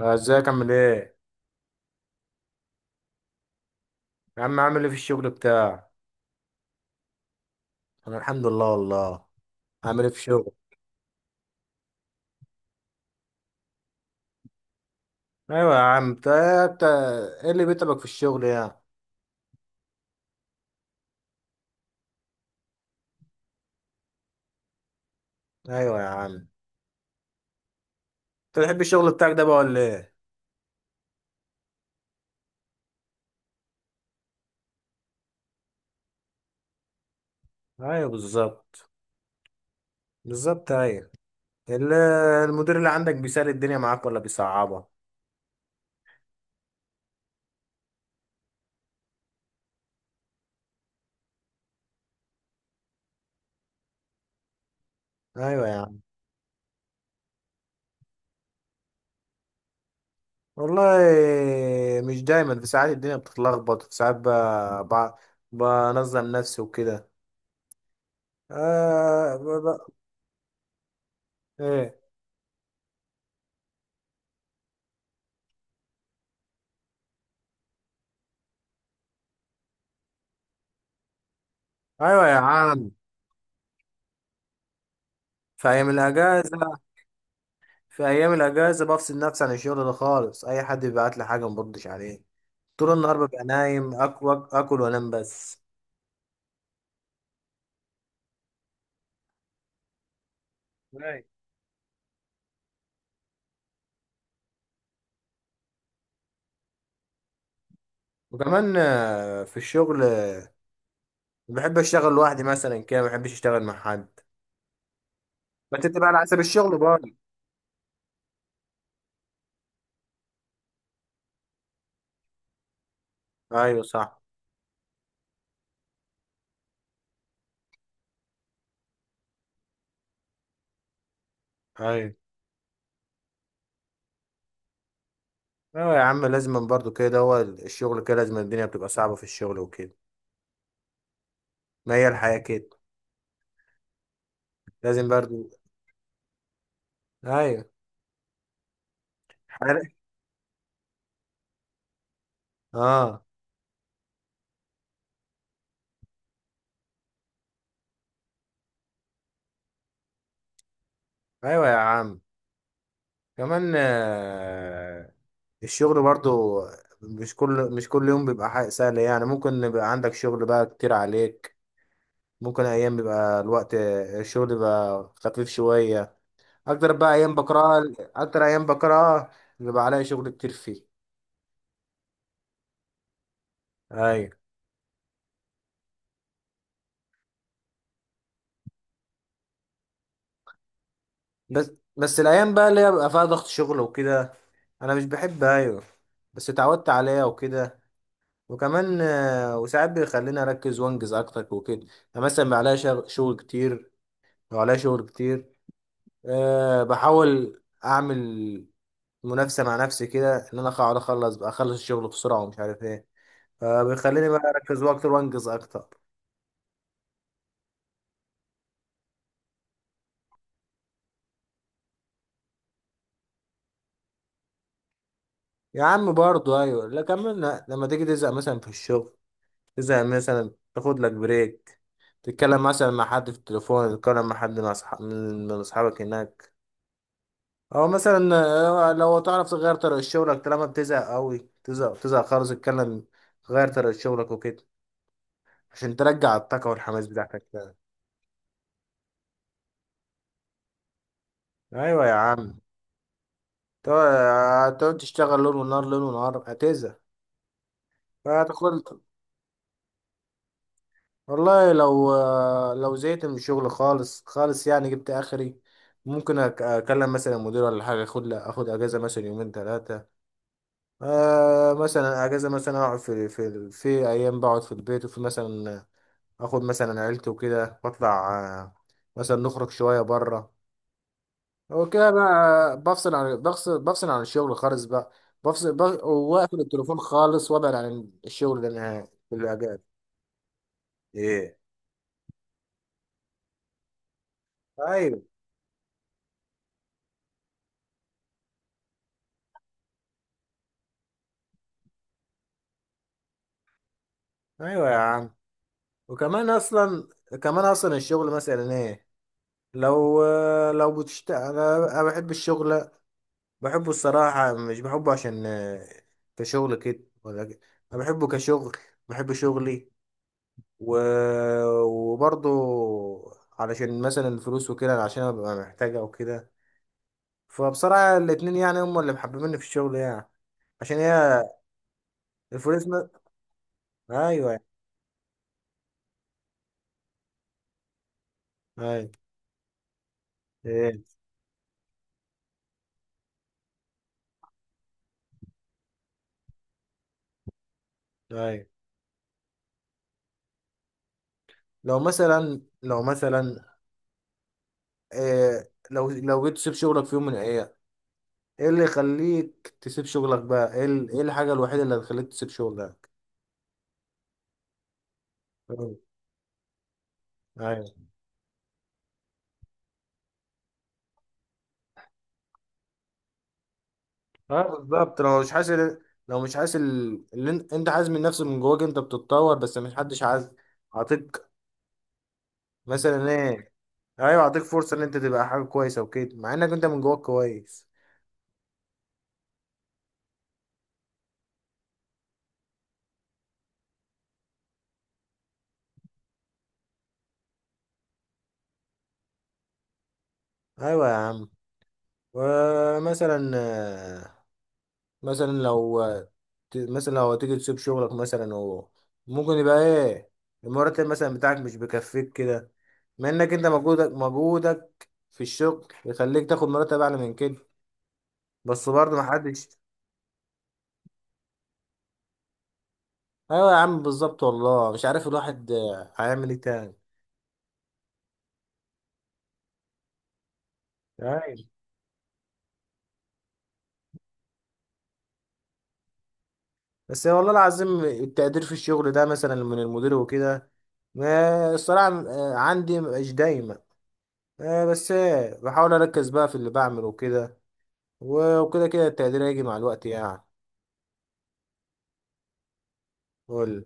آه، ازيك؟ عامل ايه؟ يا عم، عامل ايه في الشغل بتاعك؟ انا الحمد لله والله. عامل ايه في الشغل؟ ايوه يا عم، انت ايه اللي بيتعبك في الشغل يعني؟ ايوه يا عم، انت بتحب الشغل بتاعك ده بقى ولا ايه؟ ايوه بالظبط، بالظبط ايوه. ال- المدير اللي عندك بيسهل الدنيا معاك ولا بيصعبها؟ ايوه يا عم والله، مش دايما، في ساعات الدنيا بتتلخبط، في ساعات ب... بنظم نفسي وكده. آه ب... ب... ايه. ايوه يا عم، في ايام الاجازه في ايام الاجازه بفصل نفسي عن الشغل ده خالص، اي حد بيبعت لي حاجه ما بردش عليه. طول النهار ببقى نايم، اكل اكل وانام بس. أيوة. وكمان في الشغل بحب اشتغل لوحدي مثلا كده، ما بحبش اشتغل مع حد. ما انت بتبقى على حسب الشغل برضه. ايوه صح. ايوه. ايوه يا عم، لازم برضه كده، هو الشغل كده، لازم الدنيا بتبقى صعبه في الشغل وكده. ما هي الحياه كده، لازم برضه. ايوه. حر- اه. ايوه يا عم. كمان الشغل برضو مش كل يوم بيبقى حاجة سهلة يعني، ممكن يبقى عندك شغل بقى كتير عليك، ممكن أيام بيبقى الوقت الشغل بيبقى خفيف شوية. أكتر بقى أيام بكرهها، أكتر أيام بكرهها. بيبقى عليا شغل كتير فيه. أيوة. بس بس الأيام بقى اللي هي بيبقى فيها ضغط شغل وكده أنا مش بحب. أيوة. بس اتعودت عليها وكده. وكمان وساعات بيخليني أركز وأنجز أكتر وكده، يعني مثلا بيبقى عليا شغل كتير، وعليا شغل كتير. أه بحاول اعمل منافسه مع نفسي كده، ان انا اقعد اخلص بقى اخلص الشغل بسرعه ومش عارف ايه، فبيخليني بقى اركز اكتر وانجز اكتر. يا عم برضه، ايوه لا كملنا، لما تيجي تزهق مثلا في الشغل، تزهق مثلا تاخد لك بريك، تتكلم مثلا مع حد في التليفون، تتكلم مع حد، مع أصحاب، من اصحابك هناك، او مثلا لو تعرف تغير طريقه شغلك، طالما بتزهق قوي، تزهق تزهق خالص، اتكلم، غير طريقه شغلك وكده، عشان ترجع الطاقه والحماس بتاعتك. ايوه يا عم. تقعد هتقعد تشتغل ليل ونهار، ليل ونهار هتزهق. فدخلت. والله لو لو زهقت من الشغل خالص خالص يعني، جبت اخري. ممكن اكلم مثلا المدير ولا حاجه، اخد اجازه مثلا يومين ثلاثه. آه مثلا اجازه، مثلا اقعد في ايام، بقعد في البيت وفي مثلا، اخد مثلا عيلتي وكده واطلع، آه، مثلا نخرج شويه بره. هو كده بقى، بفصل عن الشغل خالص بقى، واقفل التليفون خالص وابعد عن الشغل ده نهائي في الاجازه. ايه. ايوه. ايوه يا عم، وكمان اصلا كمان اصلا الشغل مثلا ايه، لو لو بتشت أنا بحب الشغل، بحبه الصراحه، مش بحبه عشان كشغل كده ولا كده، انا بحبه كشغل، بحب شغلي، و... وبرضه علشان مثلا الفلوس وكده، عشان أنا ببقى محتاجها وكده، فبصراحة الاتنين يعني هم اللي محببيني في الشغل يعني، عشان هي الفلوس ايوه. ايوه. ايه. ايوه. لو مثلا إيه، لو جيت تسيب شغلك في يوم من الايام، ايه اللي يخليك تسيب شغلك بقى، ايه ايه الحاجة الوحيدة اللي هتخليك تسيب شغلك؟ ايوه. ايوه. اه بالظبط، لو مش حاسس اللي انت عايز من نفسك، من جواك انت بتتطور بس مش حدش عايز عاطيك، مثلا ايه. ايوه، اعطيك فرصه ان انت تبقى حاجه كويسه وكده، مع انك انت من جواك كويس. ايوه يا عم. ومثلا مثلا لو مثلا لو تيجي تسيب شغلك مثلا ممكن يبقى ايه؟ المرتب مثلا بتاعك مش بيكفيك كده، مع انك انت مجهودك في الشغل يخليك تاخد مرتب اعلى من كده، بس برضه محدش. ايوه يا عم بالظبط، والله مش عارف الواحد هيعمل ايه تاني. أيوة. بس والله العظيم، التقدير في الشغل ده مثلا من المدير وكده، ما الصراحة عندي مش دايما، بس بحاول اركز بقى في اللي بعمله وكده، وكده كده التقدير هيجي مع الوقت يعني. قول.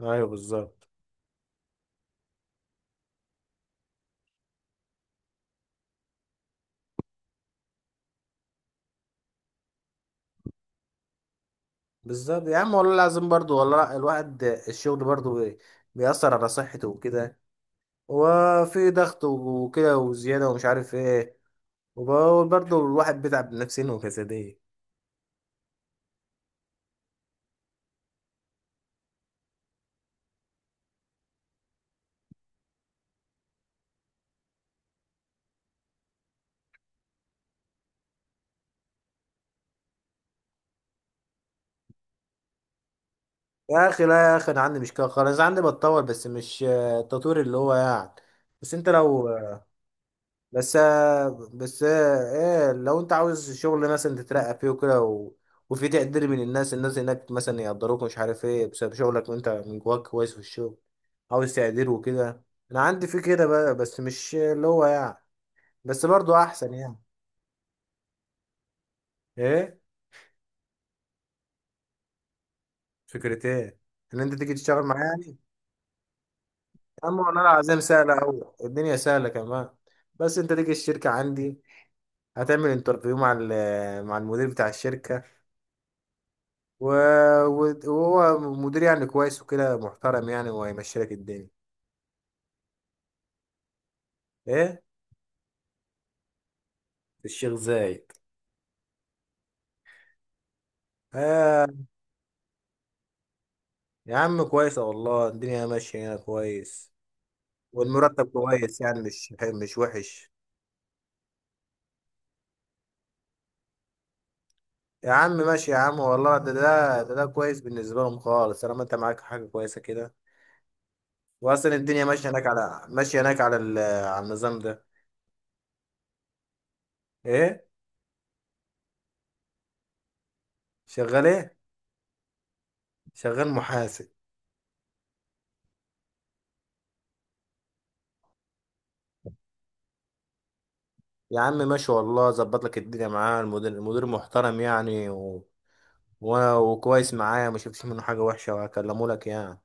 ايوه بالظبط. بالظبط يا عم، والله العظيم برضو، والله لا، الواحد الشغل برضو بيأثر على صحته وكده، وفي ضغط وكده وزيادة ومش عارف ايه، وبقول برضو الواحد بيتعب نفسيا وجسديا. يا اخي لا يا اخي، انا عندي مشكلة خالص، عندي بتطور بس مش التطوير اللي هو يعني. بس انت لو بس بس ايه لو انت عاوز شغل مثلا تترقى فيه وكده، وفي تقدير من الناس هناك مثلا يقدروك، مش عارف ايه، بسبب شغلك وانت من جواك كويس في الشغل، عاوز تقدير وكده. انا عندي في كده بقى بس مش اللي هو يعني، بس برضو احسن يعني. ايه. فكرة ايه؟ ان انت تيجي تشتغل معايا يعني. اما انا العزام سهلة اوي، الدنيا سهلة كمان. بس انت تيجي الشركة عندي، هتعمل انترفيو مع مع المدير بتاع الشركة، و... وهو مدير يعني كويس وكده، محترم يعني، وهيمشي لك الدنيا. ايه. في الشيخ زايد. آه. يا عم كويسة والله، الدنيا ماشية هنا كويس، والمرتب كويس يعني، مش وحش. يا عم ماشي يا عم، والله ده كويس بالنسبة لهم خالص، طالما انت معاك حاجة كويسة كده، وأصلا الدنيا ماشية هناك على النظام ده. ايه؟ شغال ايه؟ شغال محاسب. يا عم ماشي والله، ظبط لك الدنيا معاه، المدير محترم يعني، وانا وكويس معايا، ما شفتش منه حاجه وحشه، وهكلمه لك يعني.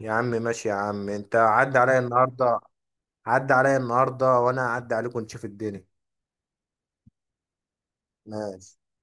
يا عم ماشي يا عم، انت عدى عليا النهارده، وانا اعدي عليكم نشوف الدنيا. ماشي.